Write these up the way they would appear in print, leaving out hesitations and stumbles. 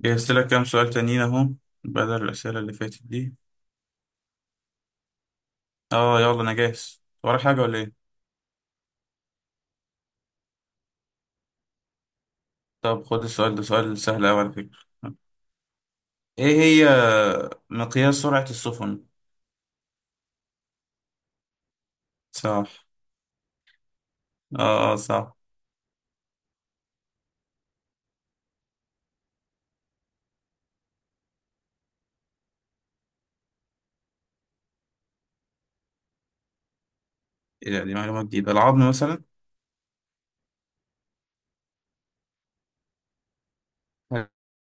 جهزت لك كام سؤال تانيين اهو، بدل الأسئلة اللي فاتت دي. اه، يلا انا جاهز، ورا حاجة ولا ايه؟ طب خد السؤال ده، سؤال سهل أوي على فكرة. ايه هي؟ مقياس سرعة السفن؟ صح. اه، اه، صح. ايه ده، دي معلومة جديدة، العظم مثلا؟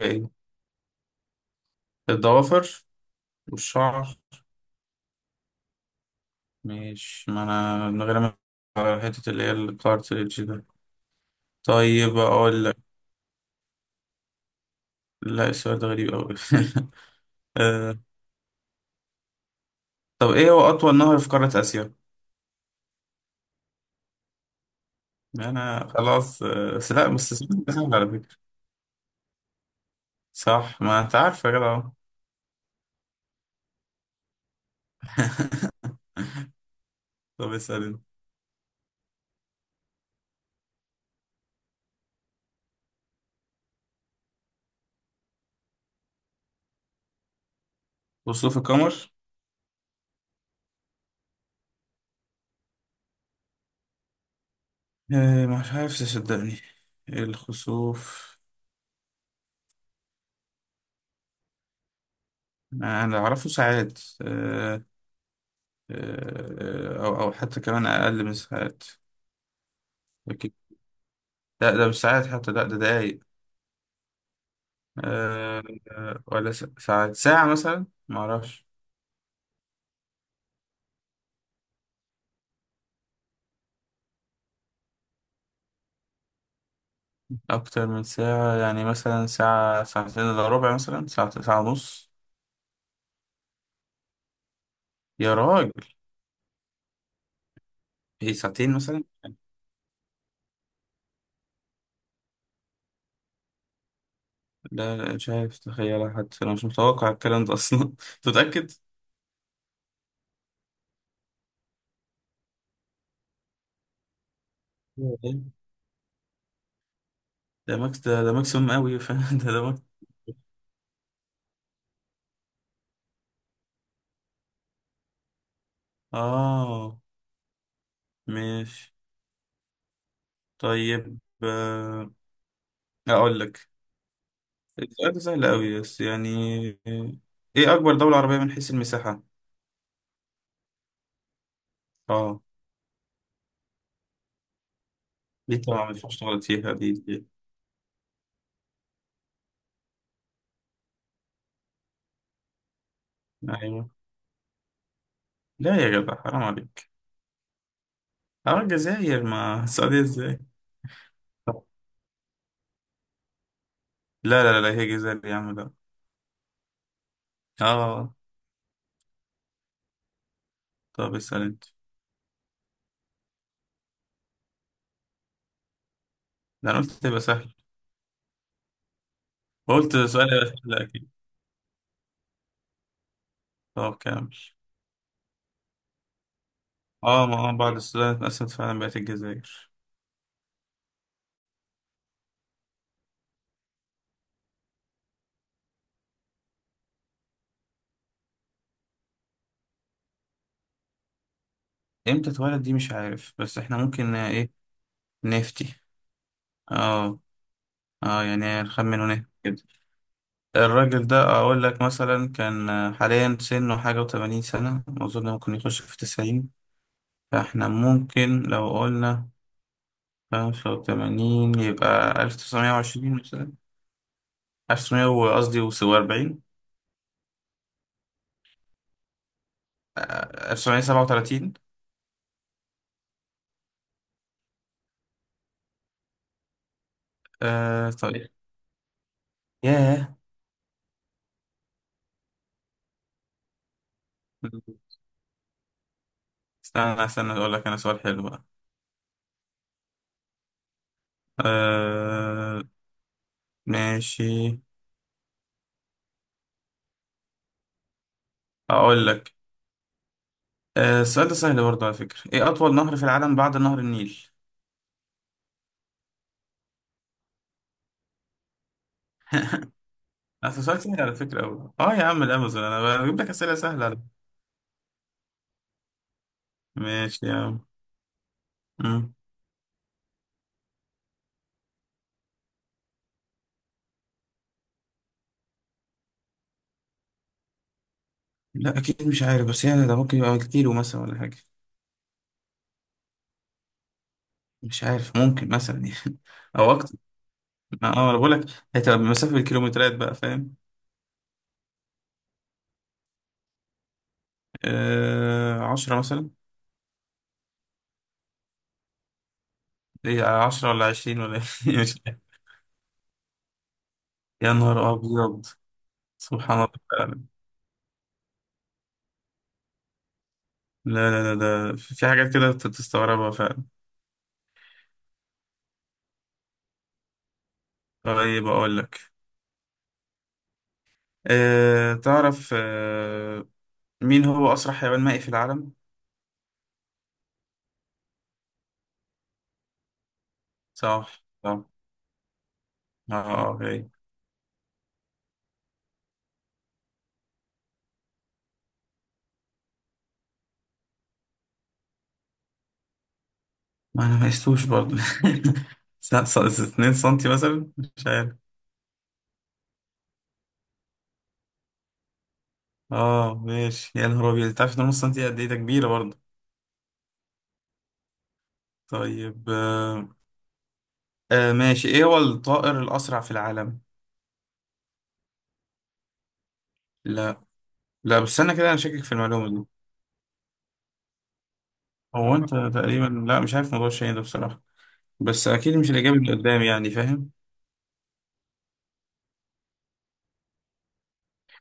ايه، الضوافر والشعر. مش، ما انا من غير ما على حتة اللي هي الكارتريدج ده. طيب اقول لك، لا السؤال ده غريب أوي. آه. طب ايه هو أطول نهر في قارة آسيا؟ انا خلاص بس لا بس السؤال ده سهل على فكرة. صح، ما انت عارف يا جدع أهو. طب اسأل انت. خسوف القمر. مش عارف تصدقني الخسوف، انا اعرفه ساعات او حتى كمان اقل من ساعات. اكيد. لا ده مش ساعات حتى، لا ده دقايق. آه، ولا ساعات، ساعة مثلا ما اعرفش. اكتر من ساعة، يعني مثلا ساعة، ساعتين الا ربع، مثلا ساعة، ساعة ونص. يا راجل! ايه، ساعتين مثلا. لا، لا، مش عارف تخيلها حتى، انا مش متوقع الكلام ده اصلا. انت متأكد؟ أيوة. ده ماكس، ده ماكسيموم قوي. فاهم، ده ماكس. اه ماشي طيب اقول لك. السؤال ده سهل قوي بس يعني، ايه اكبر دولة عربية من حيث المساحة؟ اه، دي طبعا ما ينفعش تغلط فيها دي. ايوه. لا يا جدع، حرام عليك. اه، الجزائر ما السعودية ازاي! لا، لا، لا، هي جزائر يا عم، لا. اه. طب اسأل انت. ده انا قلت تبقى سهل. قلت سؤال الأخير أكيد. طب كمل. اه، ما بعد السودان اتقسمت فعلا، بقت الجزائر. امتى اتولد؟ دي مش عارف، بس احنا ممكن ايه، نفتي. اه. اه، يعني نخمن ونهبط كده. الراجل ده اقول لك مثلا كان حاليا سنه حاجة وتمانين سنة اظن، ممكن يخش في تسعين. فاحنا ممكن لو قلنا خمسة وتمانين، يبقى ألف تسعمية وعشرين مثلا. ألف تسعمية، قصدي وأربعين. ألف تسعمية سبعة وتلاتين. آه طيب. ياه. استنى استنى، اقول لك انا سؤال حلو بقى. آه، ماشي، اقول لك. السؤال ده سهل برضه على فكرة، ايه اطول نهر في العالم بعد نهر النيل؟ اصل سؤال سهل على فكرة أوي. اه يا عم، الامازون. انا بجيب لك اسئلة سهلة على فكرة. ماشي يا عم. مم. لا اكيد مش عارف، بس يعني ده ممكن يبقى كيلو مثلا ولا حاجة. مش عارف، ممكن مثلا يعني. او اكتر. اه، انا بقول لك هتبقى بمسافة الكيلومترات بقى، فاهم. آه، عشرة مثلا. ايه، عشرة ولا عشرين ولا؟ إيه؟ مش عارف. يا نهار ابيض! سبحان الله فعلا. لا، لا، لا، ده في حاجات كده بتستغربها فعلا. طيب أقول لك، تعرف مين هو أسرع حيوان مائي في العالم؟ صح، صح. اه، اوكي. ما أنا ما قستوش برضه. 2 سنتي مثلا، مش عارف. اه، ماشي. يا نهار أبيض، أنت عارف إن نص سنتي قد إيه؟ ده كبيرة برضه. طيب أه آه، ماشي، إيه هو الطائر الأسرع في العالم؟ لا. لا بس أنا كده، أنا شاكك في المعلومة دي. هو أنت تقريبا، لا مش عارف موضوع الشاي ده بصراحة. بس اكيد مش الاجابه اللي قدام، يعني فاهم.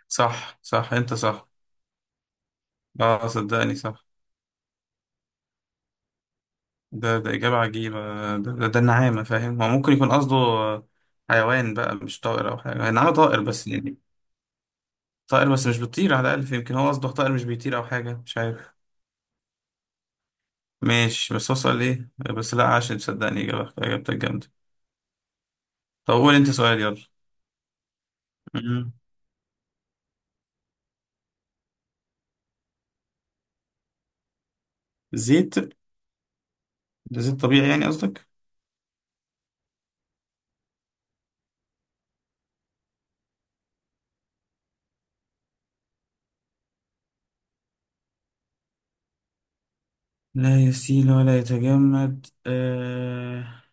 صح، صح، انت صح. اه صدقني، صح. ده اجابه عجيبه. ده، ده النعامه، فاهم. هو ممكن يكون قصده حيوان بقى مش طائر او حاجه، النعامه طائر بس يعني. طائر بس مش بتطير على الاقل، يمكن هو قصده طائر مش بيطير او حاجه، مش عارف. ماشي، بس هو سؤال ايه؟ بس لا عشان تصدقني، اجابتك جامده. طب قول انت سؤال، يلا. مم. زيت؟ ده زيت طبيعي يعني قصدك؟ لا يسيل ولا يتجمد.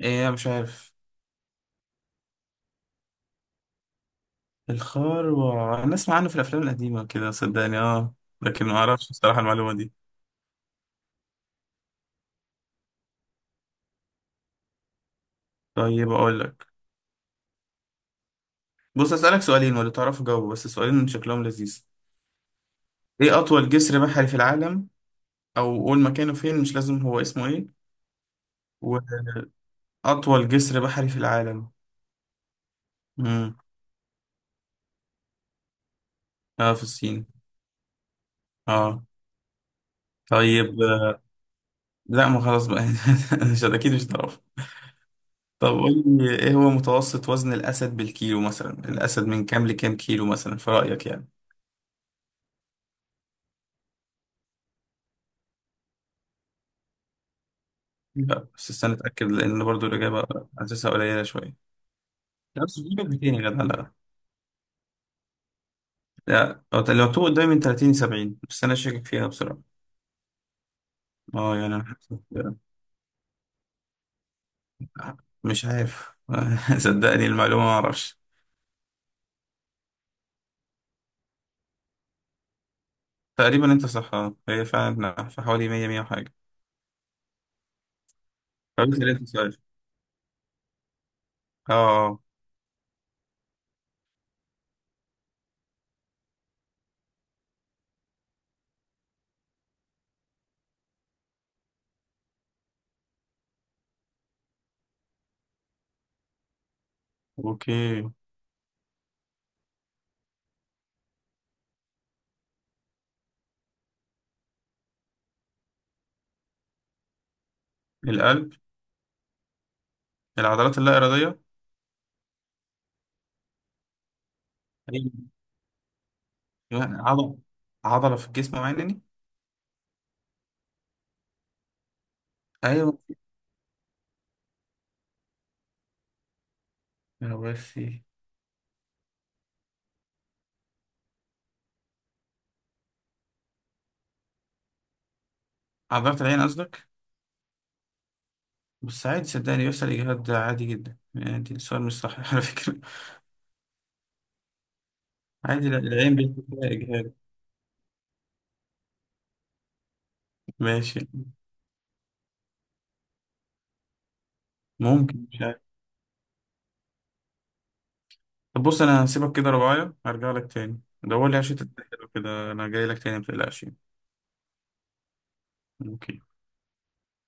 ايه، مش عارف. الخروع، انا اسمع عنه في الافلام القديمه كده صدقني، اه. لكن ما اعرفش بصراحه المعلومه دي. طيب اقول لك، بص اسالك سؤالين، ولا تعرف جاوب، بس سؤالين شكلهم لذيذ. ايه اطول جسر بحري في العالم؟ او قول مكانه فين، مش لازم هو اسمه ايه. واطول جسر بحري في العالم. امم. اه، في الصين. اه. طيب لا ما خلاص بقى. مش اكيد مش تعرف. طب قول لي، ايه هو متوسط وزن الاسد بالكيلو؟ مثلا الاسد من كام لكام كيلو مثلا في رايك يعني؟ لا بس استنى اتاكد، لان برضو الاجابه حاسسها قليله شويه. لا بس بيجيبك 200 يا جدع، لا. لا، أو لو تو قدامي من 30 ل 70، بس انا شاكك فيها بصراحه. اه يعني أنا حاسس-. مش عارف، صدقني المعلومه ما اعرفش. تقريبا انت صح آه. هي فعلا في حوالي 100 100 وحاجه. طب اسال انت سؤال. اه آه. اوكي. القلب. العضلات اللا اراديه. أيوة. عضله عضله في الجسم معينه يعني. ايوه. يا ربي. عضلات العين قصدك؟ بس عادي، صدقني يحصل إجهاد، ده عادي جدا يعني، دي السؤال مش صح على فكرة. عادي، لا العين بيحصل فيها إجهاد. ماشي. ممكن، مش عارف. طب بص، أنا هسيبك كده رباية، هرجع لك تاني. دور لي عشان تتأكد كده، أنا جاي لك تاني متقلقش يعني. أوكي.